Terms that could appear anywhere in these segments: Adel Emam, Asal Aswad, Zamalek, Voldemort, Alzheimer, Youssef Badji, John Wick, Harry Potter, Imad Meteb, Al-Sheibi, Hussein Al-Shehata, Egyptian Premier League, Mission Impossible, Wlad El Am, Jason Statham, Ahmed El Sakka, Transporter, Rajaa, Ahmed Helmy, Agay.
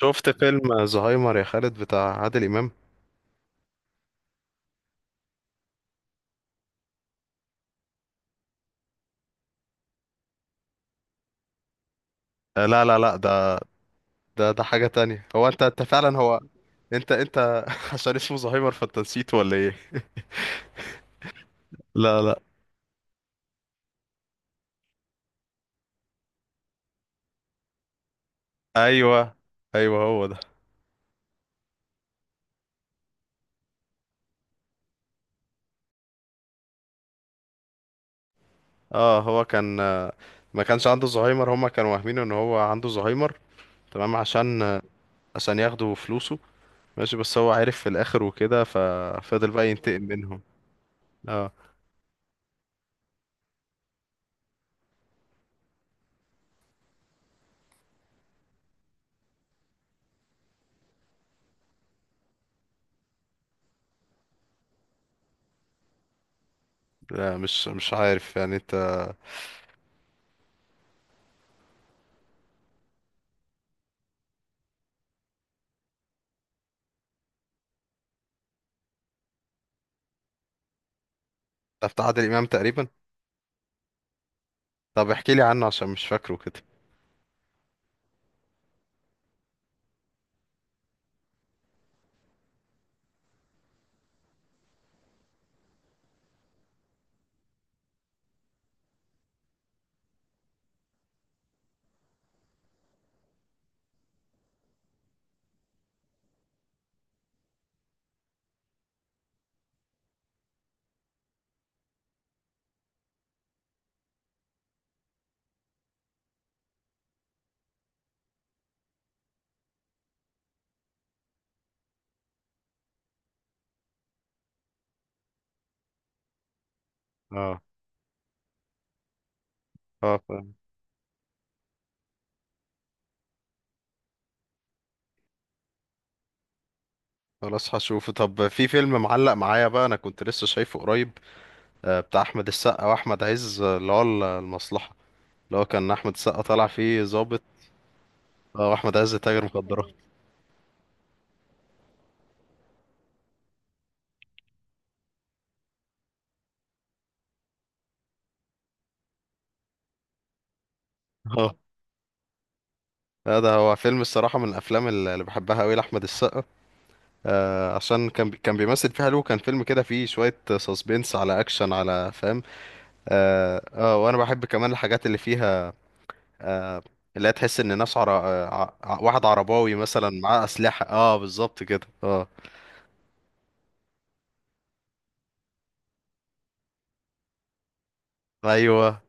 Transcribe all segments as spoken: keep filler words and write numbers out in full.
شفت فيلم زهايمر يا خالد، بتاع عادل امام؟ آه لا لا لا ده ده ده حاجه تانية. هو انت انت فعلا. هو انت انت عشان اسمه زهايمر فانت نسيته ولا ايه؟ لا، لا. ايوه، ايوه، هو ده. اه، هو كان، آه، ما كانش عنده زهايمر، هما كانوا واهمينه ان هو عنده زهايمر. تمام، عشان آه، عشان ياخدوا فلوسه. ماشي، بس هو عارف في الاخر وكده ففضل بقى ينتقم منهم. اه. لا، مش مش عارف يعني انت. ده بتاع عادل امام تقريبا؟ طب احكي لي عنه عشان مش فاكره كده. اه، اه. خلاص هشوفه. طب في فيلم معلق معايا بقى، انا كنت لسه شايفه قريب، آه، بتاع احمد السقا واحمد عز، آه، اللي هو ال- المصلحة. اللي هو كان احمد السقا طالع فيه ضابط، آه، واحمد عز تاجر مخدرات. اه. لا، ده هو فيلم الصراحة، من الافلام اللي اللي بحبها قوي لاحمد السقا، آه، عشان كان بي- كان بيمثل فيها حلو، كان فيلم كده فيه شوية سسبنس على اكشن على فاهم. اه، آه، وانا بحب كمان الحاجات اللي فيها، آه، اللي هي تحس ان ناس عر... آه، ع- واحد عرباوي مثلا معاه اسلحة، اه، بالظبط كده، اه. ايوه.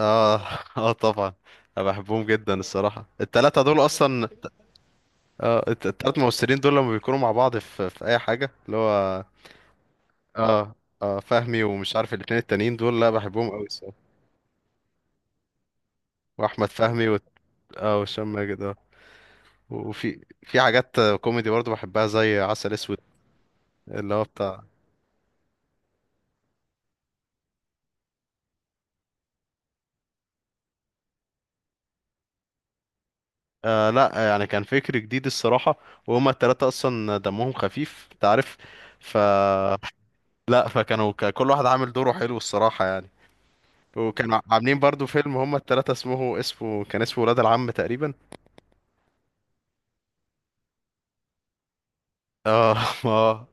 اه، اه، طبعا. انا بحبهم جدا الصراحه، التلاتة دول اصلا. اه، الت- التلات ممثلين دول لما بيكونوا مع بعض في في اي حاجه اللي هو. اه، اه، فهمي ومش عارف الاتنين التانيين دول. لا، بحبهم قوي الصراحه. واحمد فهمي و... اه، وهشام ماجد. اه. وفي في حاجات كوميدي برضو بحبها، زي عسل اسود. اللي هو بتاع... آه لا، يعني كان فكر جديد الصراحه. وهما التلاتة اصلا دمهم خفيف انت عارف. ف لا، فكانوا، ك- كل واحد عامل دوره حلو الصراحه يعني. وكانوا عاملين برضو فيلم، هما التلاتة، اسمه اسمه كان اسمه ولاد العم تقريبا. اه، اه،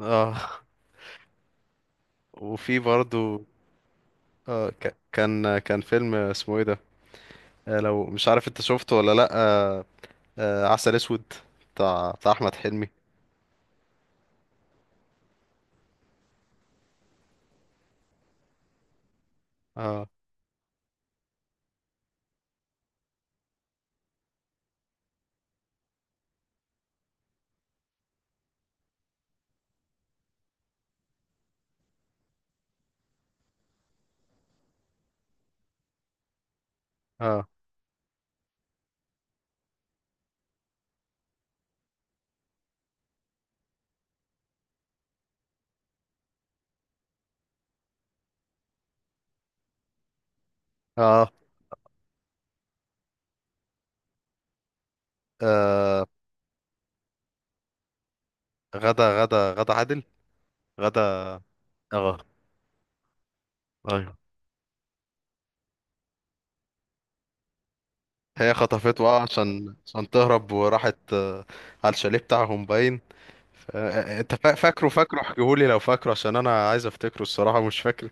اه. وفي برضو آه ك- كان كان فيلم اسمه ايه ده؟ آه لو مش عارف انت شفته ولا لا. آه آه عسل اسود، بتاع بتاع احمد حلمي. اه، اه، اه، آه غدا غدا غدا عادل. غدا. اه. ايوه، هي خطفته، اه، عشان عشان تهرب، وراحت آه على الشاليه بتاعهم باين. آه، انت فا- فاكره فاكره احكيهولي لو فاكره، عشان انا عايز افتكره الصراحة، مش فاكر.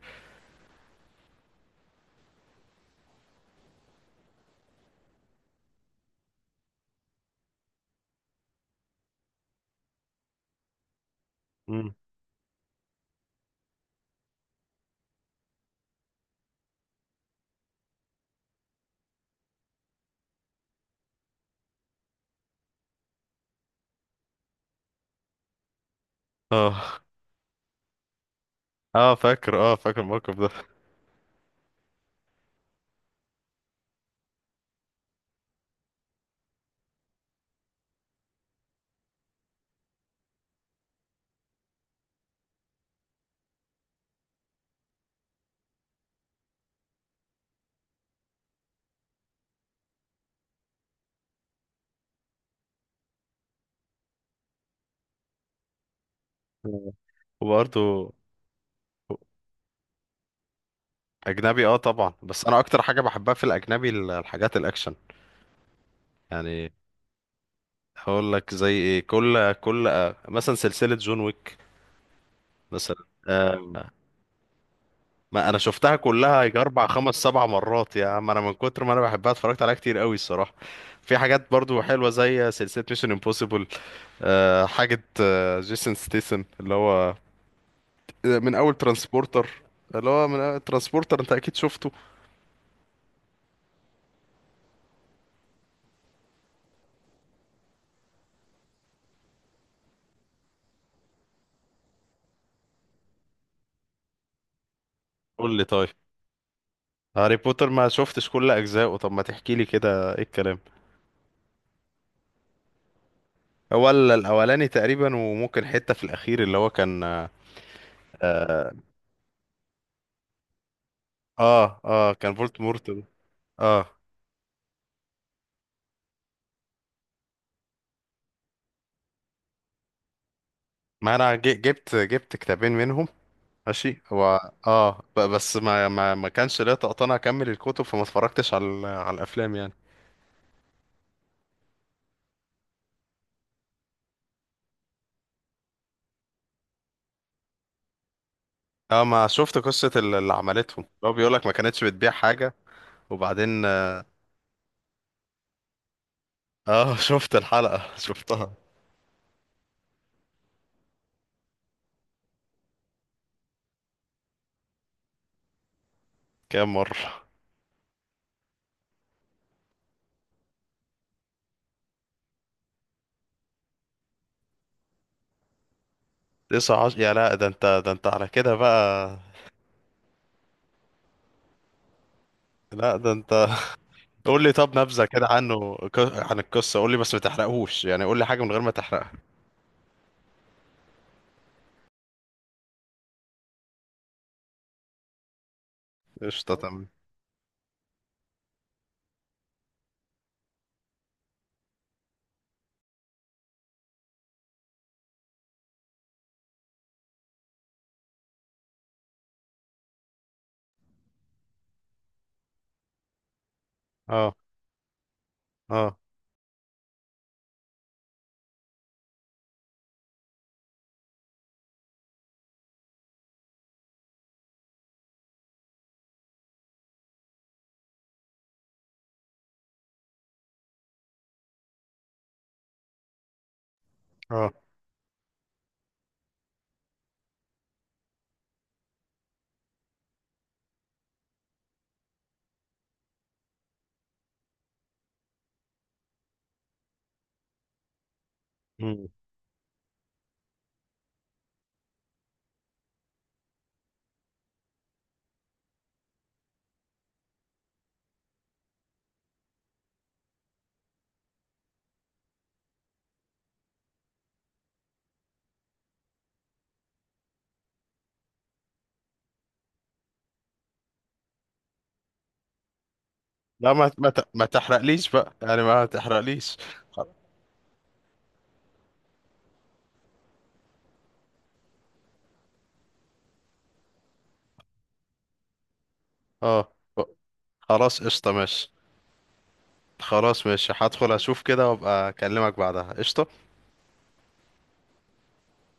مم. اه، اه، فاكر، اه، فاكر الموقف ده. مم. وبرضه. اجنبي، اه، طبعا. بس انا اكتر حاجه بحبها في الاجنبي ال- الحاجات الاكشن، يعني. هقول لك زي ايه، كل كل آه، مثلا سلسله جون ويك مثلا. آه، ما انا شفتها كلها، يجي اربع خمس سبع مرات، يا عم انا من كتر ما انا بحبها اتفرجت عليها كتير قوي الصراحه. في حاجات برضو حلوه، زي سلسله ميشن امبوسيبل، آه، حاجة آه، جيسون ستيسن، اللي هو آه، من أول ترانسبورتر. اللي هو من أول ترانسبورتر أنت أكيد شفته. قول لي طيب. هاري بوتر ما شفتش كل أجزائه، طب ما تحكي لي كده إيه الكلام. هو ال- الأولاني تقريبا، وممكن حتة في الأخير اللي هو كان آه آه آه، كان فولت مورتل. آه ما أنا ج- جبت جبت كتابين منهم. ماشي، هو آه ب- بس ما ما ما كانش ليا طاقة أنا أكمل الكتب، فما اتفرجتش على ال- على الأفلام يعني. اه، ما شفت قصة ال- اللي عملتهم، هو بيقولك ما كانتش بتبيع حاجة، وبعدين. اه، شفت الحلقة شفتها. كام مرة؟ تسعة عشر. يا لا، ده انت ده انت على كده بقى. لا، ده انت. قول لي، طب نبذة كده عنه، ك- عن القصة، قول لي، بس ما تحرقهوش يعني، قول لي حاجة من غير ما تحرقها. قشطة، تمام. اه، اه، اه. مم. لا، ما ما ت- ما تحرقليش بقى، يعني ما تحرقليش. خ- اه، خلاص قشطة ماشي. خلاص ماشي، هدخل اشوف كده وابقى اكلمك بعدها، قشطة.